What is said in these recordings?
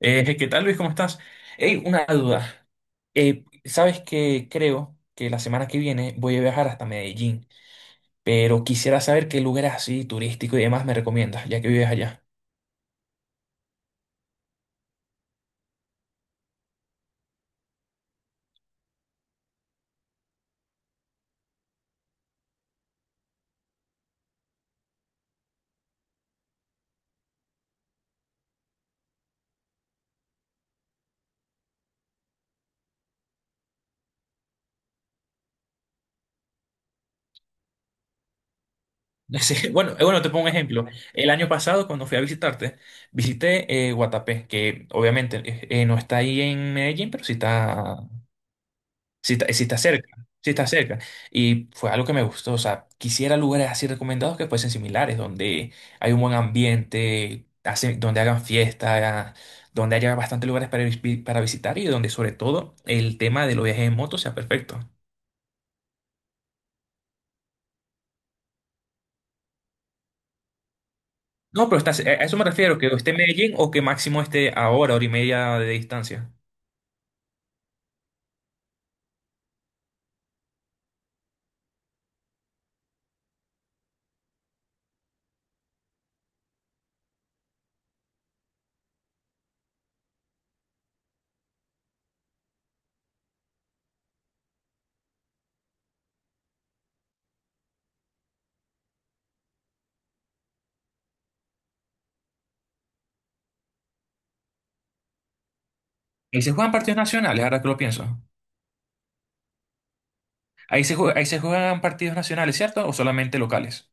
¿Qué tal, Luis? ¿Cómo estás? Hey, una duda. ¿Sabes que Creo que la semana que viene voy a viajar hasta Medellín, pero quisiera saber qué lugares así turístico y demás me recomiendas, ya que vives allá. Sí, bueno, bueno, te pongo un ejemplo. El año pasado, cuando fui a visitarte, visité Guatapé, que obviamente no está ahí en Medellín, pero sí está. Si está cerca, si está cerca. Y fue algo que me gustó. O sea, quisiera lugares así recomendados que fuesen similares, donde hay un buen ambiente, donde hagan fiesta, donde haya bastantes lugares para visitar y donde sobre todo el tema de los viajes en moto sea perfecto. No, pero está, a eso me refiero, que esté en Medellín o que máximo esté a hora, hora y media de distancia. Ahí se juegan partidos nacionales, ahora que lo pienso. Ahí se juegan partidos nacionales, ¿cierto? ¿O solamente locales?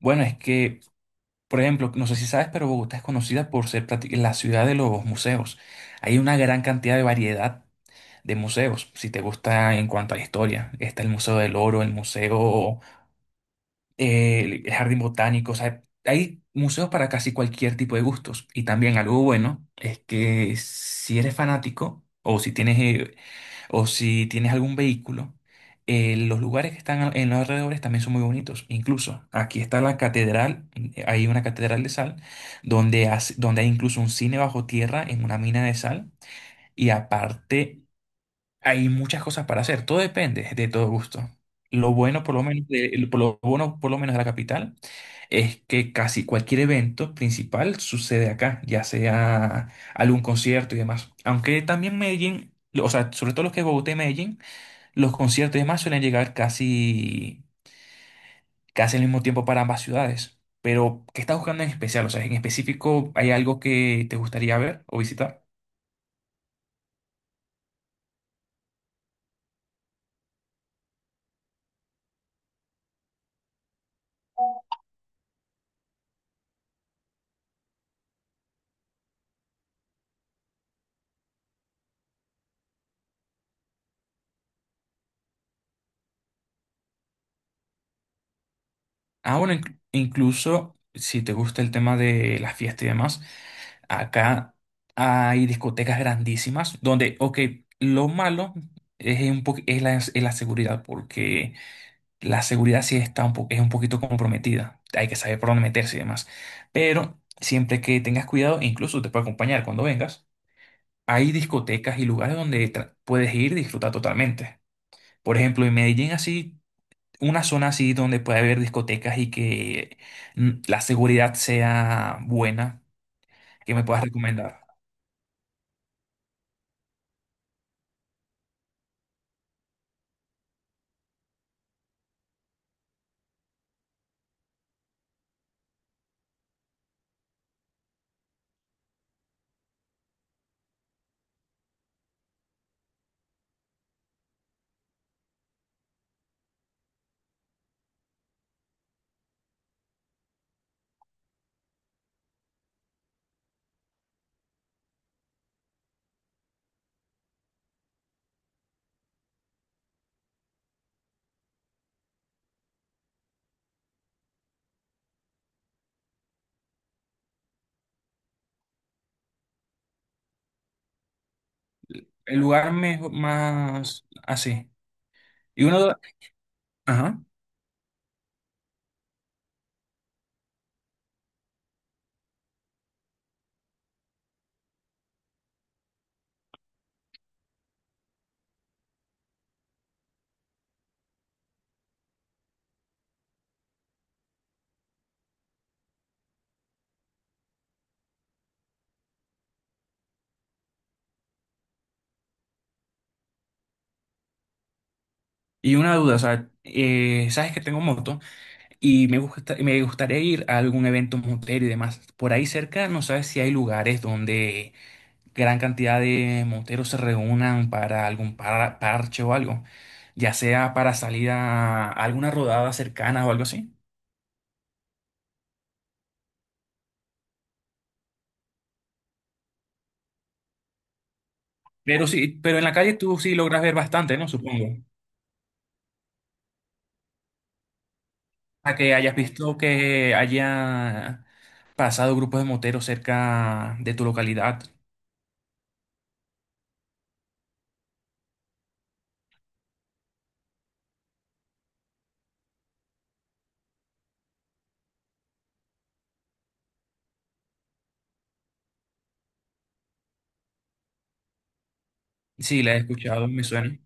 Bueno, es que por ejemplo, no sé si sabes, pero Bogotá es conocida por ser la ciudad de los museos. Hay una gran cantidad de variedad de museos, si te gusta en cuanto a la historia. Está el Museo del Oro, el Museo, el Jardín Botánico. O sea, hay museos para casi cualquier tipo de gustos. Y también algo bueno es que si eres fanático o si tienes algún vehículo, los lugares que están en los alrededores también son muy bonitos. Incluso aquí está la catedral, hay una catedral de sal, donde hay incluso un cine bajo tierra en una mina de sal. Y aparte, hay muchas cosas para hacer. Todo depende de todo gusto. Lo bueno, por lo menos, de, Por lo bueno, por lo menos de la capital es que casi cualquier evento principal sucede acá, ya sea algún concierto y demás. Aunque también Medellín, o sea, sobre todo los que es Bogotá y Medellín, los conciertos y demás suelen llegar casi, casi al mismo tiempo para ambas ciudades. Pero, ¿qué estás buscando en especial? O sea, en específico, ¿hay algo que te gustaría ver o visitar? Ah, bueno, incluso si te gusta el tema de las fiestas y demás, acá hay discotecas grandísimas donde, ok, lo malo es, es la seguridad, porque la seguridad sí está es un poquito comprometida. Hay que saber por dónde meterse y demás. Pero siempre que tengas cuidado, e incluso te puedo acompañar cuando vengas, hay discotecas y lugares donde puedes ir y disfrutar totalmente. Por ejemplo, en Medellín, así, una zona así donde puede haber discotecas y que la seguridad sea buena, que me puedas recomendar. El lugar mejor, más así. Y una duda, ajá. Y una duda, o sea, sabes que tengo moto. Y me gustaría ir a algún evento motero y demás. Por ahí cerca, no sabes si hay lugares donde gran cantidad de moteros se reúnan para algún parche o algo, ya sea para salir a alguna rodada cercana o algo así. Pero sí, pero en la calle tú sí logras ver bastante, ¿no? Supongo. A que hayas visto que haya pasado grupos de moteros cerca de tu localidad. Sí, la he escuchado, me suena.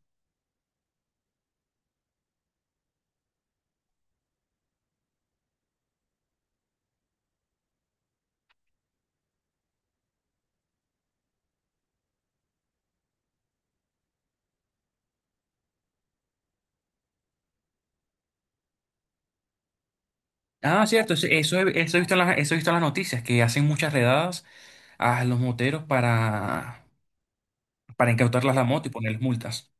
Ah, cierto, eso he visto en las noticias, que hacen muchas redadas a los moteros para, incautarles la moto y ponerles multas.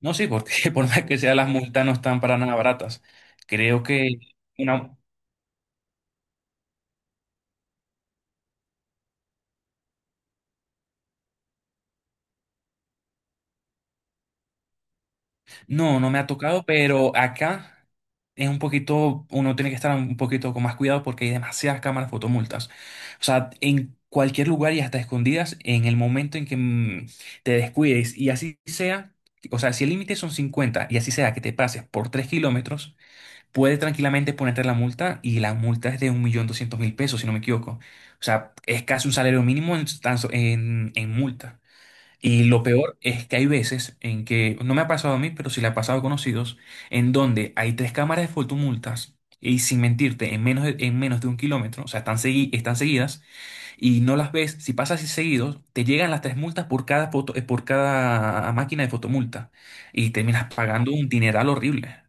No sí, porque por más que sea, las multas no están para nada baratas. Creo que una, no, no me ha tocado, pero acá es un poquito, uno tiene que estar un poquito con más cuidado porque hay demasiadas cámaras fotomultas. O sea, en cualquier lugar y hasta escondidas, en el momento en que te descuides y así sea, o sea, si el límite son 50 y así sea que te pases por 3 kilómetros, puede tranquilamente ponerte la multa y la multa es de $1.200.000, si no me equivoco. O sea, es casi un salario mínimo en, en multa. Y lo peor es que hay veces en que, no me ha pasado a mí, pero sí le ha pasado a conocidos, en donde hay tres cámaras de fotomultas y sin mentirte, en menos de, un kilómetro. O sea, están seguidas y no las ves. Si pasas así seguido, te llegan las tres multas por cada foto, por cada máquina de fotomulta y terminas pagando un dineral horrible.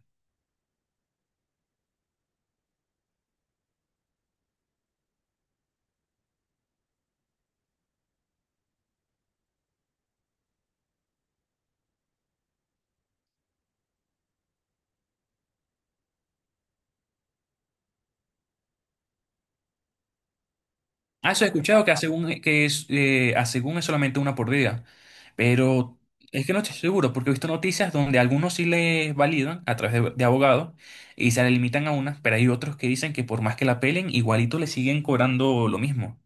Ah, eso he escuchado que, hace un- que es, a según es solamente una por día. Pero es que no estoy seguro, porque he visto noticias donde algunos sí les validan a través de abogados y se le limitan a una, pero hay otros que dicen que por más que la pelen, igualito le siguen cobrando lo mismo.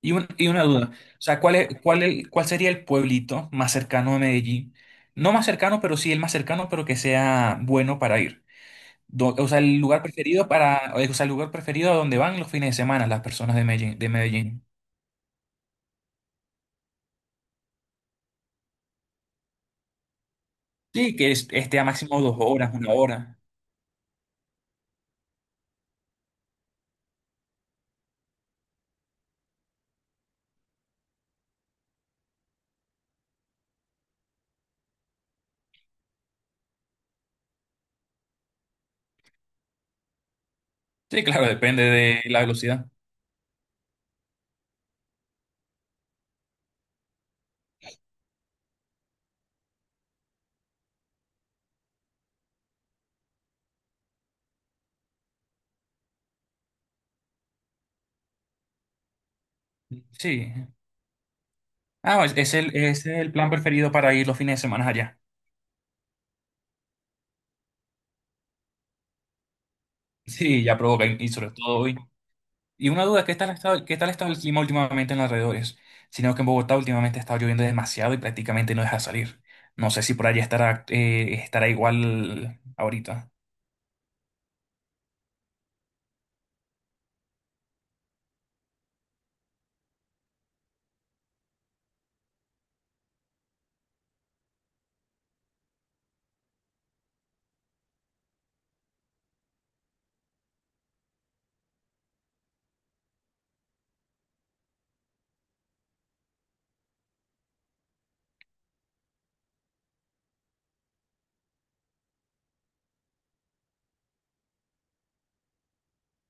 Y una duda, o sea, ¿cuál sería el pueblito más cercano a Medellín. No más cercano, pero sí el más cercano, pero que sea bueno para ir. O sea, el lugar preferido a donde van los fines de semana las personas de Medellín, de Medellín. Sí, que esté a máximo 2 horas, una hora. Sí, claro, depende de la velocidad. Sí. Ah, es, es el plan preferido para ir los fines de semana allá. Sí, ya provoca, y sobre todo hoy. Y una duda, qué tal ha estado el clima últimamente en los alrededores. Sino que en Bogotá últimamente ha estado lloviendo demasiado y prácticamente no deja salir. No sé si por allá estará igual ahorita.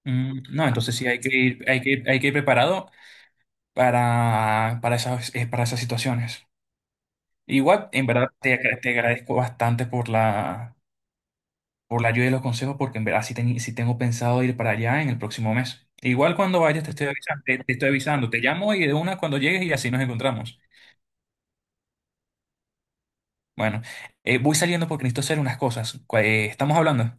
Mm, no, entonces sí hay que ir, hay que ir preparado para esas situaciones. Igual, en verdad, te agradezco bastante por la ayuda y los consejos, porque en verdad sí tengo pensado ir para allá en el próximo mes. Igual cuando vayas te estoy avisando, te llamo y de una cuando llegues y así nos encontramos. Bueno, voy saliendo porque necesito hacer unas cosas. Estamos hablando.